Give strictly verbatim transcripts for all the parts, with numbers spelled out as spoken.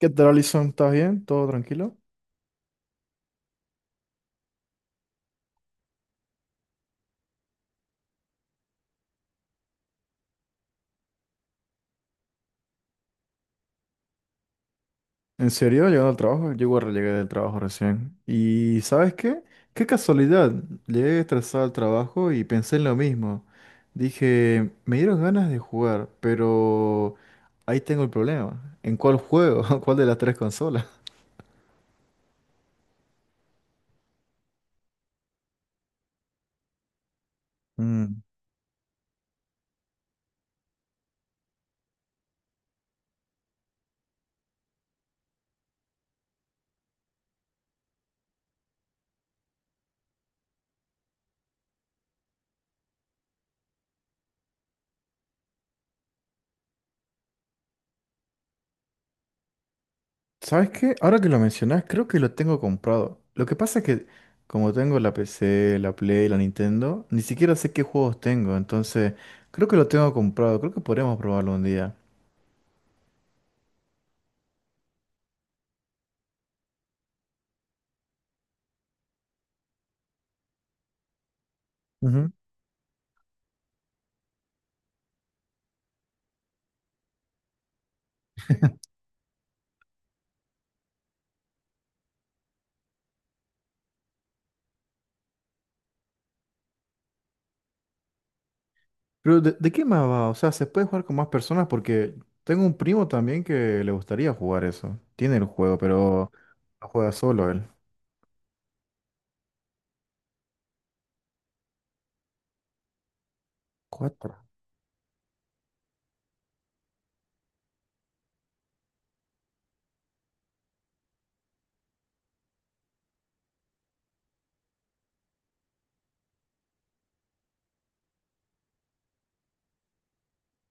¿Qué tal, Alison? ¿Estás bien? ¿Todo tranquilo? ¿En serio? Llegando al trabajo. Yo igual llegué del trabajo recién. ¿Y sabes qué? Qué casualidad. Llegué estresado al trabajo y pensé en lo mismo. Dije, me dieron ganas de jugar, pero ahí tengo el problema. ¿En cuál juego? ¿Cuál de las tres consolas? Mm. ¿Sabes qué? Ahora que lo mencionás, creo que lo tengo comprado. Lo que pasa es que como tengo la P C, la Play, la Nintendo, ni siquiera sé qué juegos tengo, entonces creo que lo tengo comprado, creo que podremos probarlo un día. Ujú. Pero ¿de, de qué más va? O sea, ¿se puede jugar con más personas? Porque tengo un primo también que le gustaría jugar eso. Tiene el juego, pero lo juega solo él. Cuatro.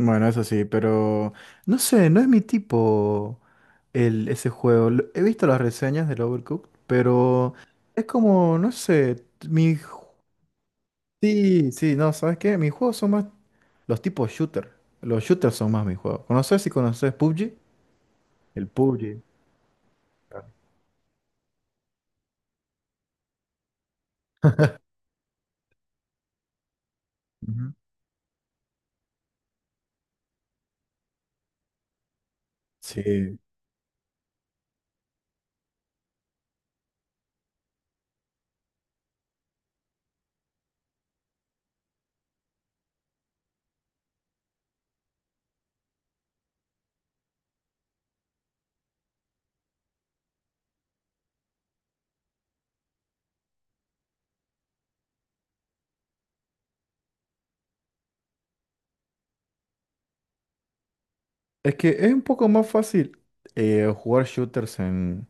Bueno, eso sí, pero no sé, no es mi tipo. El, ese juego. Lo- He visto las reseñas del Overcooked, pero es como, no sé, mi... ju- Sí, sí, no, ¿sabes qué? Mis juegos son más los tipos shooter. Los shooters son más mis juegos. ¿Conoces si conoces P U B G? El P U B G. Claro. Ujú. Sí. Es que es un poco más fácil eh, jugar shooters en,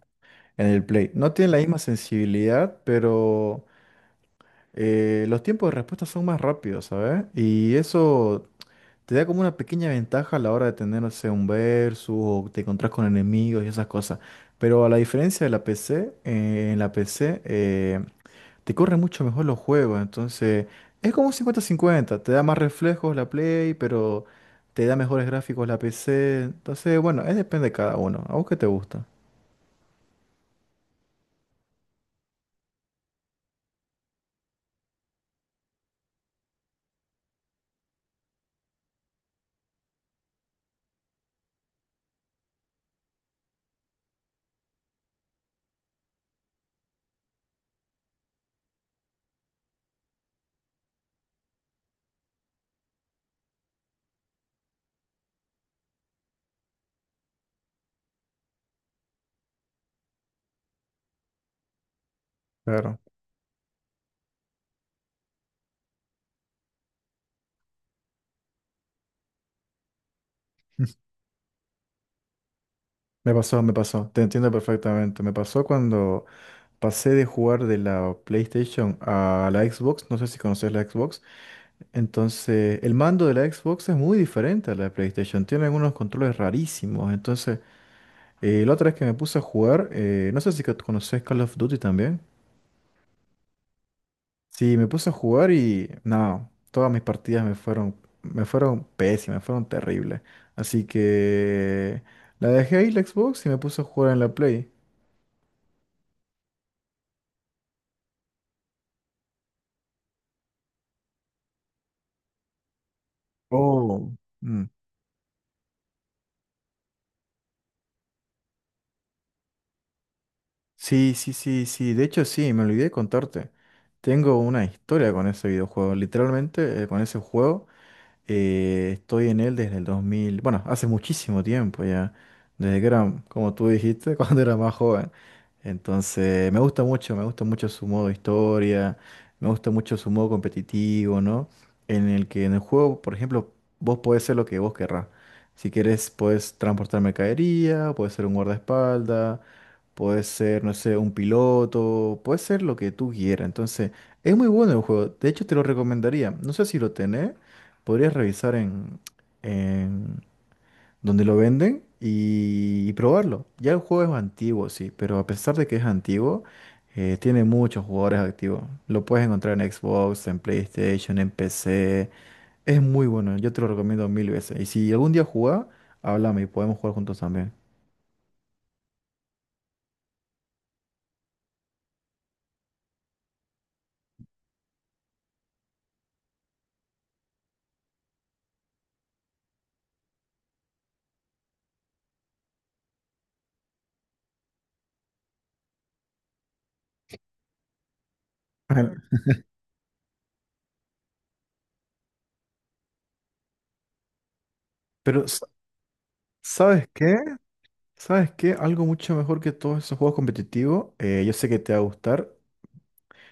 en el Play. No tiene la misma sensibilidad, pero eh, los tiempos de respuesta son más rápidos, ¿sabes? Y eso te da como una pequeña ventaja a la hora de tener, no sé, un versus o te encontrás con enemigos y esas cosas. Pero a la diferencia de la P C, eh, en la P C eh, te corre mucho mejor los juegos. Entonces es como un cincuenta cincuenta. Te da más reflejos la Play, pero te da mejores gráficos la P C. Entonces, bueno, es depende de cada uno. ¿A vos qué te gusta? Claro. Me pasó, me pasó. Te entiendo perfectamente. Me pasó cuando pasé de jugar de la PlayStation a la Xbox. No sé si conoces la Xbox. Entonces, el mando de la Xbox es muy diferente a la de PlayStation. Tiene algunos controles rarísimos. Entonces, eh, la otra vez que me puse a jugar, eh, no sé si que conoces Call of Duty también. Sí, me puse a jugar y no, todas mis partidas me fueron, me fueron pésimas, fueron terribles. Así que la dejé ahí la Xbox y me puse a jugar en la Play. Oh. Mm. Sí, sí, sí, sí. De hecho, sí, me olvidé de contarte. Tengo una historia con ese videojuego. Literalmente, eh, con ese juego. Eh, estoy en él desde el dos mil, bueno, hace muchísimo tiempo ya, desde que era, como tú dijiste, cuando era más joven. Entonces, me gusta mucho, me gusta mucho su modo historia, me gusta mucho su modo competitivo, ¿no? En el que en el juego, por ejemplo, vos podés ser lo que vos querrás. Si querés, puedes transportar mercadería, puedes ser un guardaespaldas, puedes ser, no sé, un piloto, puedes ser lo que tú quieras. Entonces, es muy bueno el juego. De hecho, te lo recomendaría. No sé si lo tenés, podrías revisar en, en donde lo venden y, y probarlo. Ya el juego es antiguo, sí, pero a pesar de que es antiguo, eh, tiene muchos jugadores activos. Lo puedes encontrar en Xbox, en PlayStation, en P C. Es muy bueno, yo te lo recomiendo mil veces. Y si algún día jugás, háblame y podemos jugar juntos también. Ajá. Pero, sa- ¿sabes qué? ¿Sabes qué? Algo mucho mejor que todos esos juegos competitivos, eh, yo sé que te va a gustar.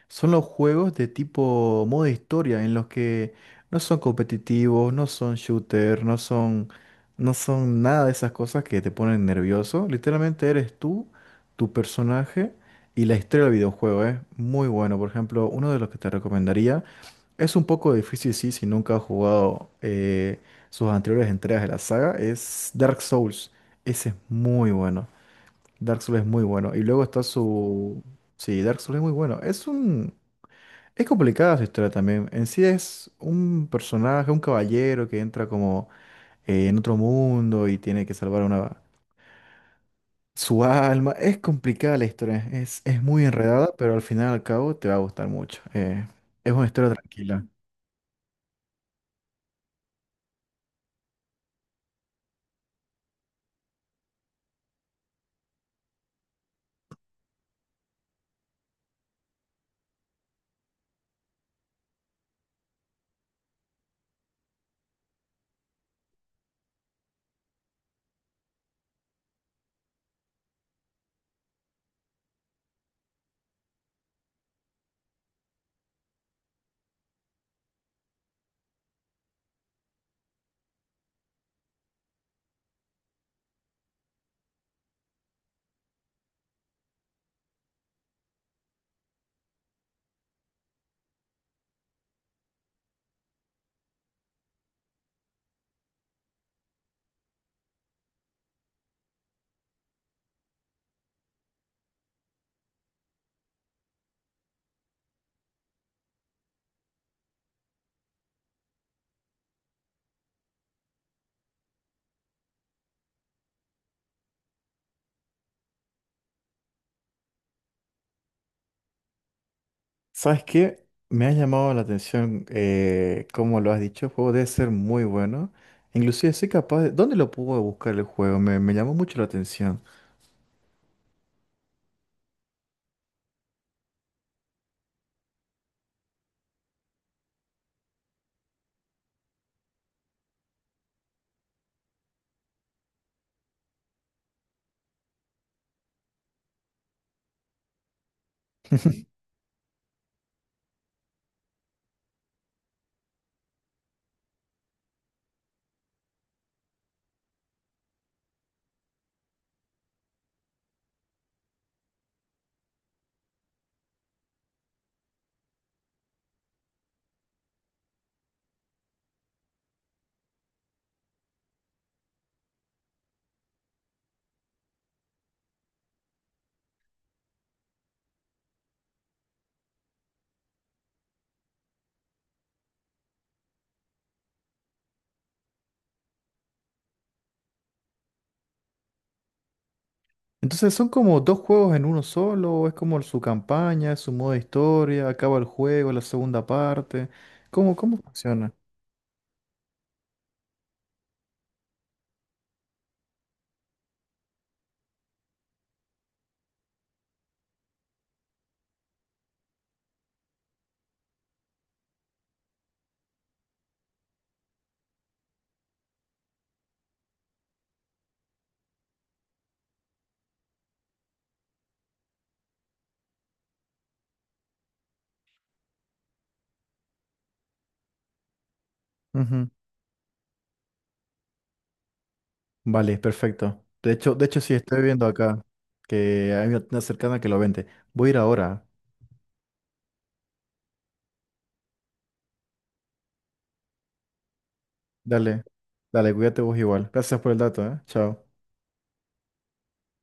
Son los juegos de tipo modo historia en los que no son competitivos, no son shooter, no son, no son nada de esas cosas que te ponen nervioso. Literalmente eres tú, tu personaje y la historia del videojuego es muy bueno. Por ejemplo, uno de los que te recomendaría es un poco difícil, sí, si nunca has jugado eh, sus anteriores entregas de la saga, es Dark Souls. Ese es muy bueno. Dark Souls es muy bueno. Y luego está su... Sí, Dark Souls es muy bueno. Es un... Es complicada su historia también. En sí es un personaje, un caballero que entra como eh, en otro mundo y tiene que salvar una, su alma. Es complicada la historia, es, es muy enredada, pero al final al cabo te va a gustar mucho. Eh, es una historia tranquila. ¿Sabes qué? Me ha llamado la atención, eh, como lo has dicho, el juego debe ser muy bueno. Inclusive soy capaz de... ¿Dónde lo puedo buscar el juego? Me, me llamó mucho la atención. Entonces son como dos juegos en uno solo, es como su campaña, es su modo de historia, acaba el juego, la segunda parte. ¿Cómo, ¿cómo funciona? Ujú. Vale, perfecto. De hecho, de hecho sí, estoy viendo acá que hay una tienda cercana que lo vende. Voy a ir ahora. Dale, dale, cuídate vos igual. Gracias por el dato, ¿eh? Chao.